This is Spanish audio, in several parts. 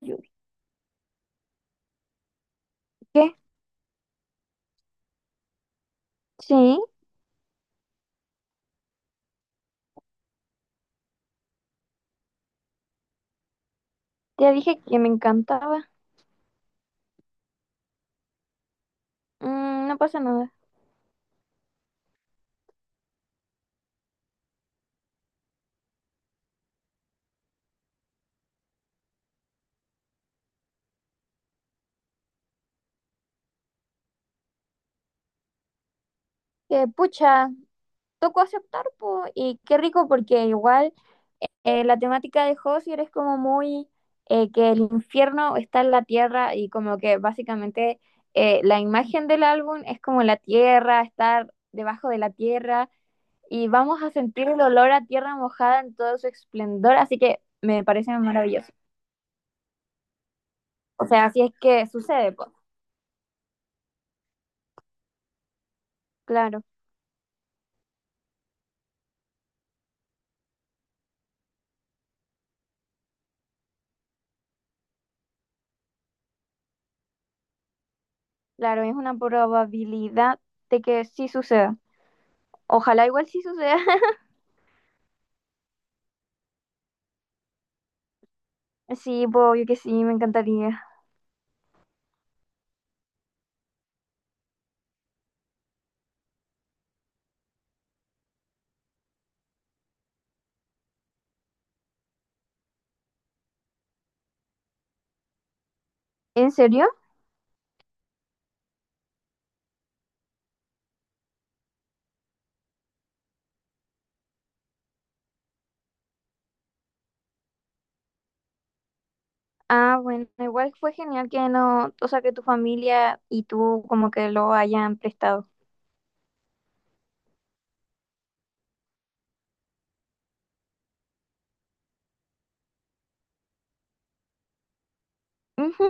Yo dije, sí, ya dije que me encantaba. Mm, no pasa nada. Que pucha, tocó aceptar, po, y qué rico porque igual la temática de Hozier es como muy que el infierno está en la tierra y como que básicamente la imagen del álbum es como la tierra, estar debajo de la tierra y vamos a sentir el olor a tierra mojada en todo su esplendor, así que me parece maravilloso. O sea, así es que sucede, pues. Claro. Claro, es una probabilidad de que sí suceda. Ojalá igual sí suceda. Sí, pues, obvio que sí, me encantaría. ¿En serio? Ah, bueno, igual fue genial que no, o sea, que tu familia y tú como que lo hayan prestado. Ujú.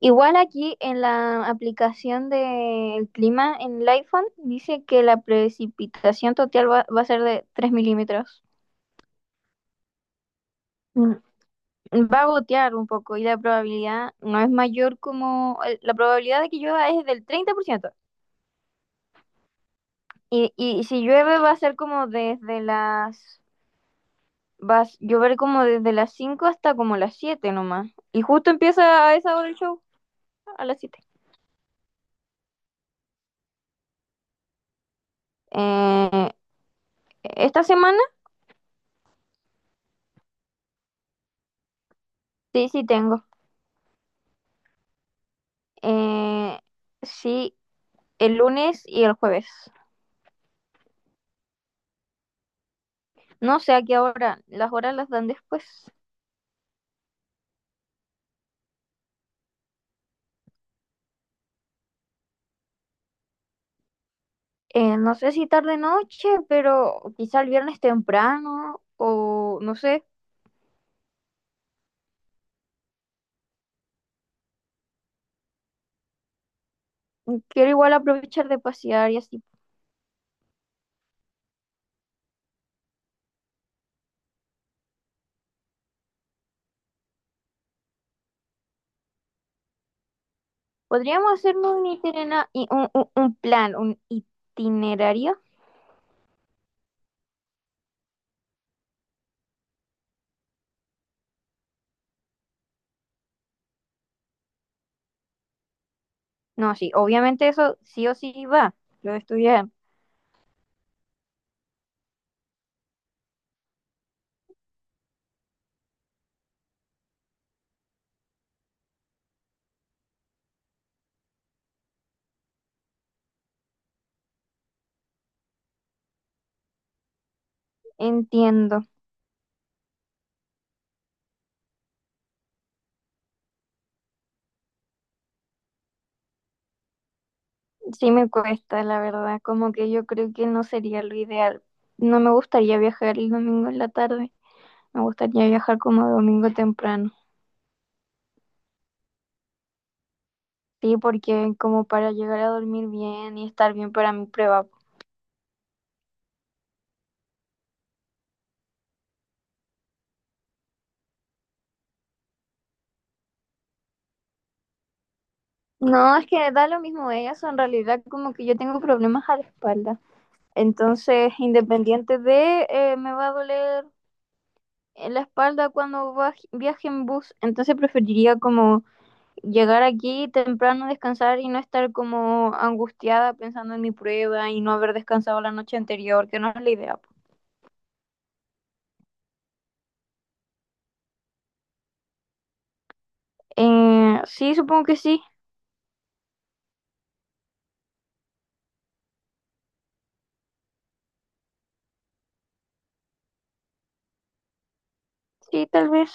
Igual aquí en la aplicación del clima en el iPhone dice que la precipitación total va a ser de 3 milímetros. Mm. Va a gotear un poco y la probabilidad no es mayor como, la probabilidad de que llueva es del 30%. Y si llueve va a ser como desde las... Va a llover como desde las 5 hasta como las 7 nomás. Y justo empieza a esa hora el show, a las siete. Eh, ¿Esta semana? Sí, sí tengo. Eh, sí, el lunes y el jueves. No sé a qué hora, las horas las dan después. No sé si tarde noche, pero quizá el viernes temprano o no sé. Quiero igual aprovechar de pasear y así. Podríamos hacernos un itinerario, un plan, un itinerario. No, sí, obviamente eso sí o sí va, lo de estudiar. Entiendo. Sí me cuesta, la verdad, como que yo creo que no sería lo ideal. No me gustaría viajar el domingo en la tarde. Me gustaría viajar como domingo temprano. Sí, porque como para llegar a dormir bien y estar bien para mi prueba. No, es que da lo mismo eso, en realidad como que yo tengo problemas a la espalda. Entonces, independiente de, me va a doler en la espalda cuando viaje en bus. Entonces, preferiría como llegar aquí temprano, descansar y no estar como angustiada pensando en mi prueba y no haber descansado la noche anterior, que no es la idea, po. Sí, supongo que sí. Sí, tal vez.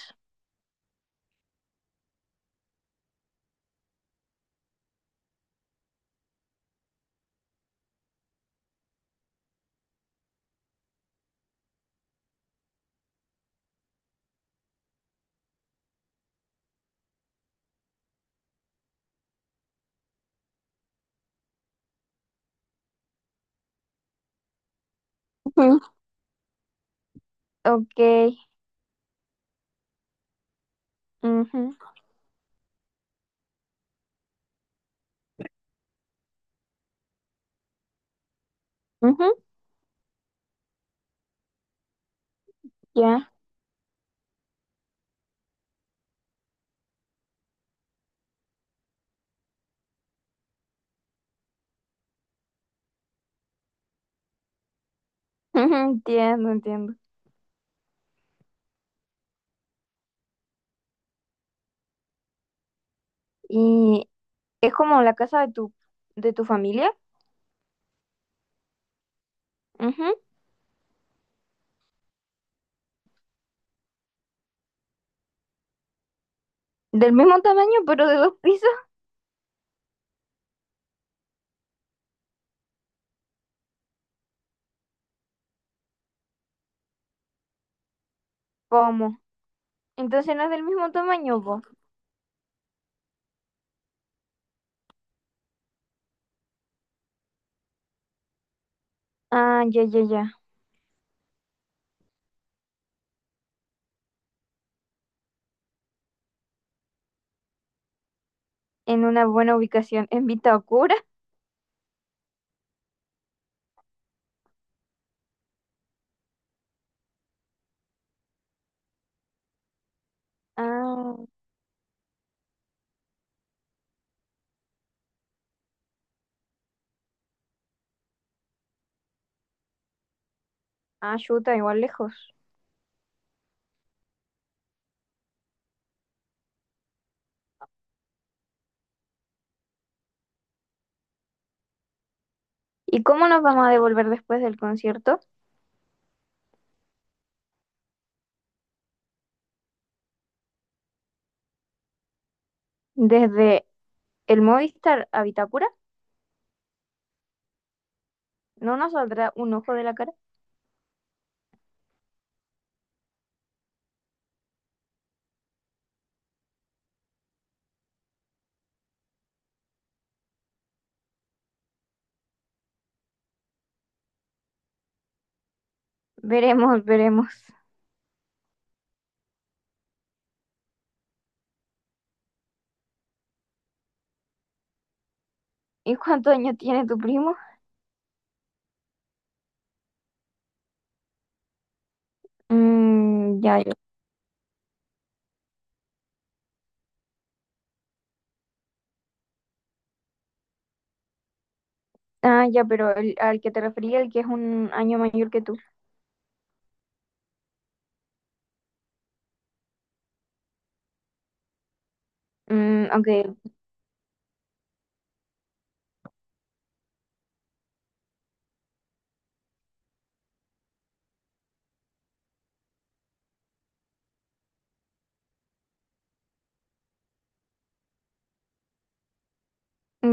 Ujú. Ok. Ujú. Ujú. Ya. Ujú, entiendo, entiendo. Y es como la casa de de tu familia. Ujú. Del mismo tamaño, pero de dos pisos. ¿Cómo? Entonces no es del mismo tamaño vos. Ah, ya, ya, ya. En una buena ubicación. ¿En Vitacura? Ah, ah, chuta, igual lejos. ¿Y cómo nos vamos a devolver después del concierto? ¿Desde el Movistar a Vitacura? ¿No nos saldrá un ojo de la cara? Veremos, veremos. ¿Y cuántos años tiene tu primo? Mm, ya, ya. Ah, ya, pero al que te refería, el que es un año mayor que tú. Mm, ok,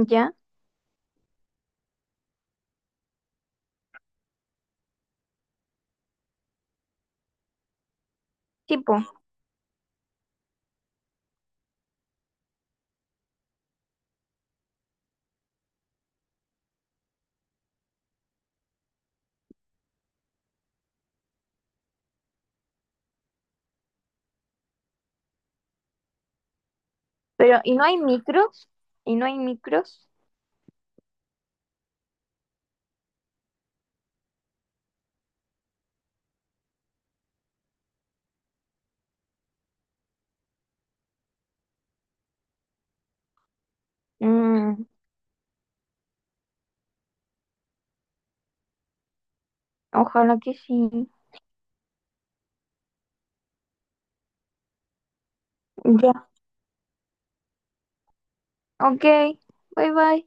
ya. Tipo, pero ¿y no hay micros? ¿Y no hay micros? Mm, ojalá que sí. Ya. Ok, bye bye.